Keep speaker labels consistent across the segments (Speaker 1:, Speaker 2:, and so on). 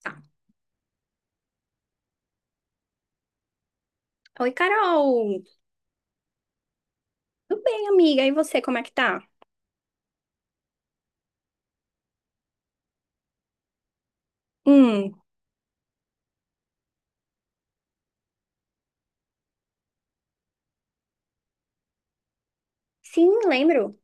Speaker 1: Tá. Oi, Carol. Tudo bem, amiga? E você, como é que tá? Hum, sim, lembro.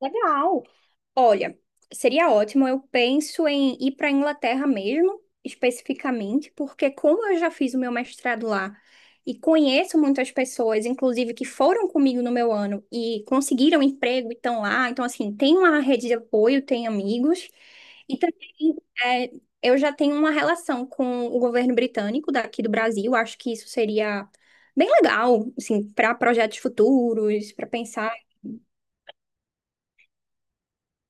Speaker 1: Legal. Olha, seria ótimo. Eu penso em ir para a Inglaterra mesmo, especificamente, porque como eu já fiz o meu mestrado lá e conheço muitas pessoas, inclusive que foram comigo no meu ano e conseguiram emprego e estão lá, então assim, tem uma rede de apoio, tem amigos. E também é, eu já tenho uma relação com o governo britânico daqui do Brasil. Acho que isso seria bem legal, assim, para projetos futuros, para pensar.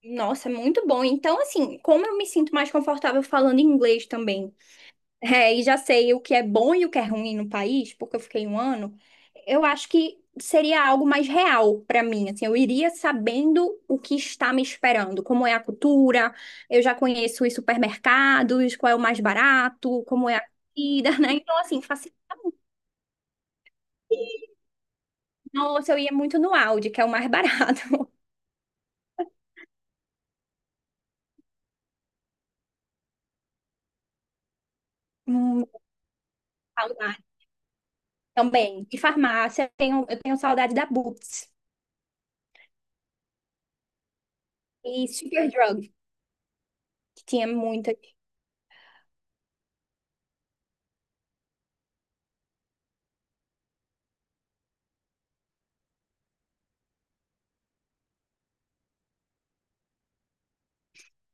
Speaker 1: Nossa, é muito bom. Então, assim, como eu me sinto mais confortável falando inglês também, é, e já sei o que é bom e o que é ruim no país, porque eu fiquei um ano, eu acho que seria algo mais real para mim. Assim, eu iria sabendo o que está me esperando, como é a cultura, eu já conheço os supermercados, qual é o mais barato, como é a comida, né? Então, assim, facilita. Nossa, eu ia muito no Aldi, que é o mais barato. Hum, saudade também. E farmácia, eu tenho saudade da Boots. E Superdrug, que tinha muita.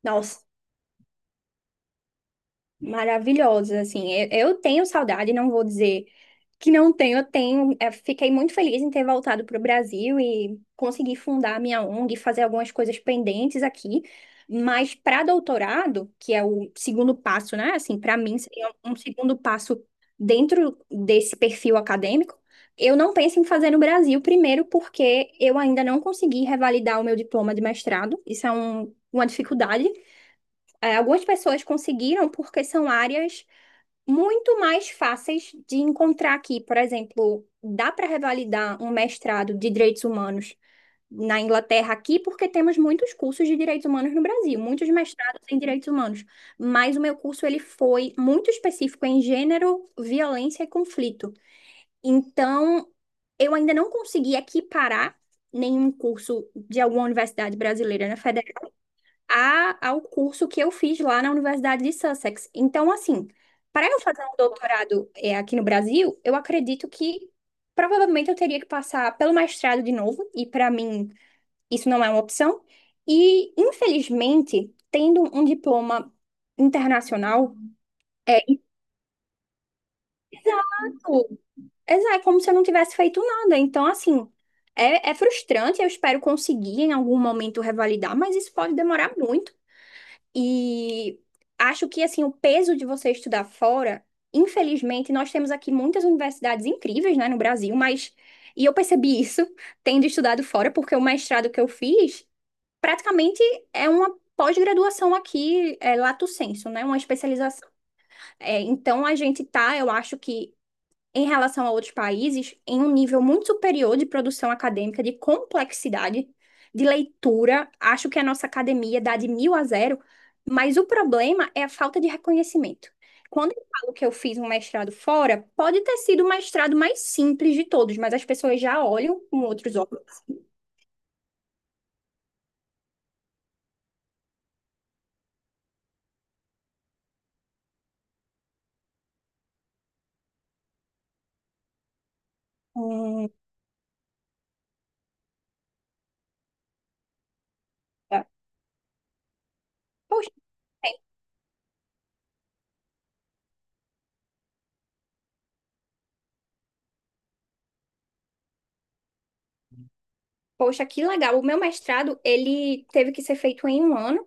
Speaker 1: Nossa, maravilhosas, assim. Eu tenho saudade, não vou dizer que não tenho, eu tenho. É, fiquei muito feliz em ter voltado para o Brasil e conseguir fundar a minha ONG, fazer algumas coisas pendentes aqui. Mas para doutorado, que é o segundo passo, né? Assim, para mim seria um segundo passo dentro desse perfil acadêmico. Eu não penso em fazer no Brasil, primeiro porque eu ainda não consegui revalidar o meu diploma de mestrado. Isso é uma dificuldade, é, algumas pessoas conseguiram porque são áreas muito mais fáceis de encontrar aqui. Por exemplo, dá para revalidar um mestrado de direitos humanos na Inglaterra aqui, porque temos muitos cursos de direitos humanos no Brasil, muitos mestrados em direitos humanos. Mas o meu curso ele foi muito específico em gênero, violência e conflito. Então, eu ainda não consegui equiparar nenhum curso de alguma universidade brasileira, né, federal ao curso que eu fiz lá na Universidade de Sussex. Então, assim, para eu fazer um doutorado, é, aqui no Brasil, eu acredito que provavelmente eu teria que passar pelo mestrado de novo, e para mim isso não é uma opção. E, infelizmente, tendo um diploma internacional, é, exato, exato, é como se eu não tivesse feito nada. Então, assim. É, é frustrante, eu espero conseguir em algum momento revalidar, mas isso pode demorar muito. E acho que assim o peso de você estudar fora, infelizmente, nós temos aqui muitas universidades incríveis, né, no Brasil, mas e eu percebi isso tendo estudado fora, porque o mestrado que eu fiz praticamente é uma pós-graduação aqui, é, lato sensu, né, uma especialização. É, então a gente tá, eu acho que em relação a outros países, em um nível muito superior de produção acadêmica, de complexidade, de leitura. Acho que a nossa academia dá de mil a zero, mas o problema é a falta de reconhecimento. Quando eu falo que eu fiz um mestrado fora, pode ter sido o mestrado mais simples de todos, mas as pessoas já olham com outros olhos. Hum, tá. Poxa, tem. Poxa, que legal. O meu mestrado, ele teve que ser feito em um ano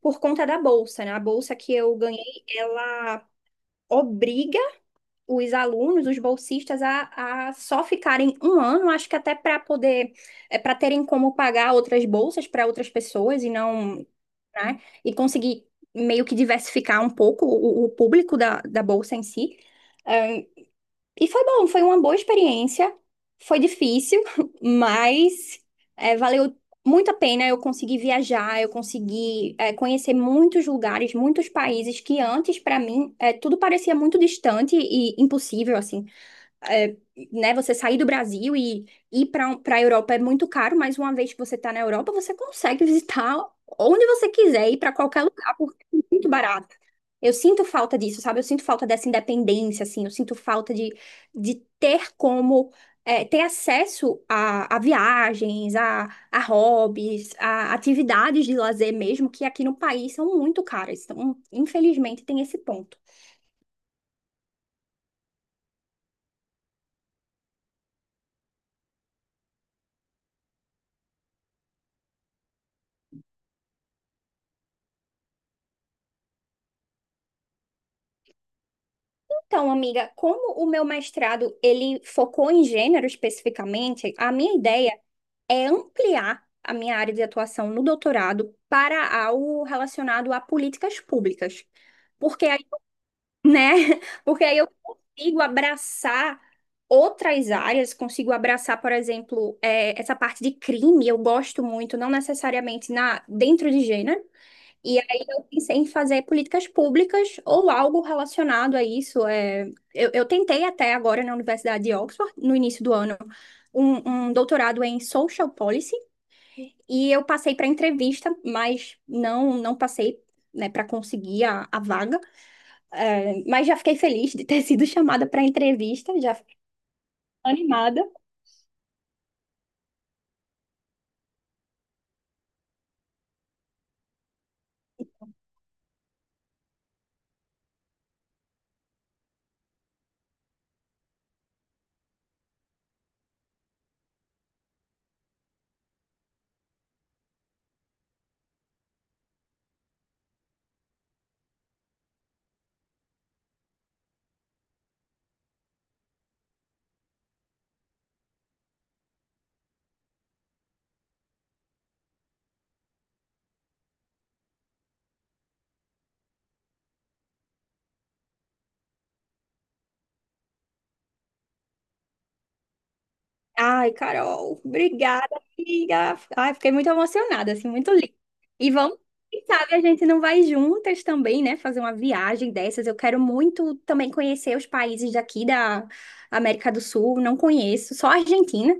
Speaker 1: por conta da bolsa, né? A bolsa que eu ganhei, ela obriga os alunos, os bolsistas, a só ficarem um ano, acho que até para poder, é, para terem como pagar outras bolsas para outras pessoas e não, né, e conseguir meio que diversificar um pouco o público da bolsa em si. É, e foi bom, foi uma boa experiência, foi difícil, mas é, valeu muito a pena. Eu consegui viajar, eu consegui, é, conhecer muitos lugares, muitos países que antes, para mim, é, tudo parecia muito distante e impossível, assim, é, né, você sair do Brasil e ir para a Europa é muito caro, mas uma vez que você está na Europa, você consegue visitar onde você quiser, ir para qualquer lugar, porque é muito barato. Eu sinto falta disso, sabe? Eu sinto falta dessa independência, assim, eu sinto falta de ter como. É, ter acesso a viagens, a hobbies, a atividades de lazer mesmo, que aqui no país são muito caras. Então, infelizmente, tem esse ponto. Então, amiga, como o meu mestrado ele focou em gênero especificamente, a minha ideia é ampliar a minha área de atuação no doutorado para algo relacionado a políticas públicas. Porque aí, né? Porque aí eu consigo abraçar outras áreas, consigo abraçar, por exemplo, eh, essa parte de crime, eu gosto muito, não necessariamente na dentro de gênero, e aí eu pensei em fazer políticas públicas ou algo relacionado a isso. É, eu tentei até agora na Universidade de Oxford, no início do ano, um doutorado em Social Policy, e eu passei para entrevista, mas não passei, né, para conseguir a vaga. É, mas já fiquei feliz de ter sido chamada para entrevista, já fiquei animada. Ai, Carol, obrigada, amiga. Ai, fiquei muito emocionada, assim, muito linda. E vamos, quem sabe a gente não vai juntas também, né? Fazer uma viagem dessas. Eu quero muito também conhecer os países daqui da América do Sul. Não conheço, só a Argentina,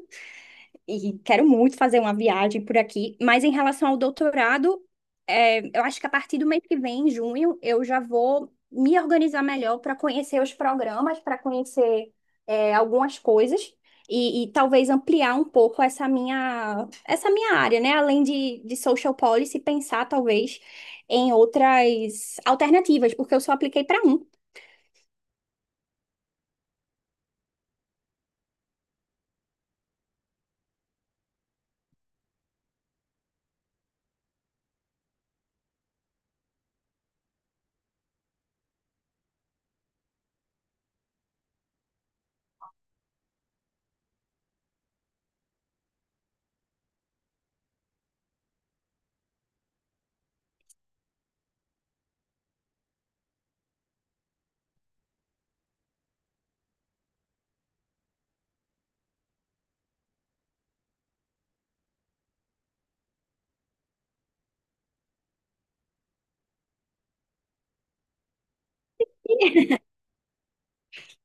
Speaker 1: e quero muito fazer uma viagem por aqui, mas em relação ao doutorado, é, eu acho que a partir do mês que vem, em junho, eu já vou me organizar melhor para conhecer os programas, para conhecer, é, algumas coisas e talvez ampliar um pouco essa minha área, né? Além de social policy, pensar talvez em outras alternativas, porque eu só apliquei para um.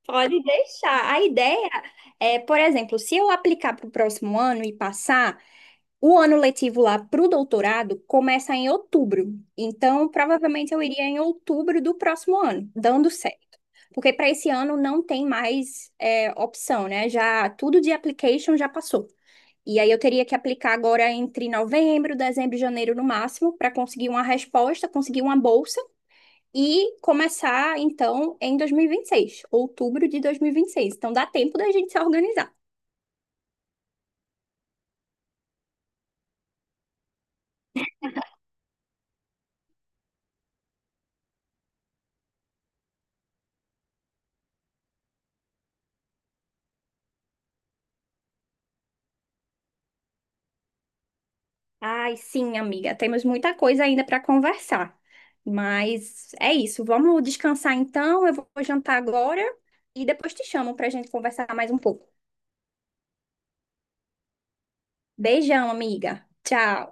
Speaker 1: Pode deixar. A ideia é, por exemplo, se eu aplicar para o próximo ano e passar. O ano letivo lá para o doutorado começa em outubro, então provavelmente eu iria em outubro do próximo ano, dando certo. Porque para esse ano não tem mais, é, opção, né? Já tudo de application já passou. E aí eu teria que aplicar agora entre novembro, dezembro e janeiro no máximo para conseguir uma resposta, conseguir uma bolsa e começar então em 2026, outubro de 2026. Então dá tempo da gente se organizar. Ai, sim, amiga, temos muita coisa ainda para conversar. Mas é isso, vamos descansar então. Eu vou jantar agora e depois te chamo para a gente conversar mais um pouco. Beijão, amiga. Tchau.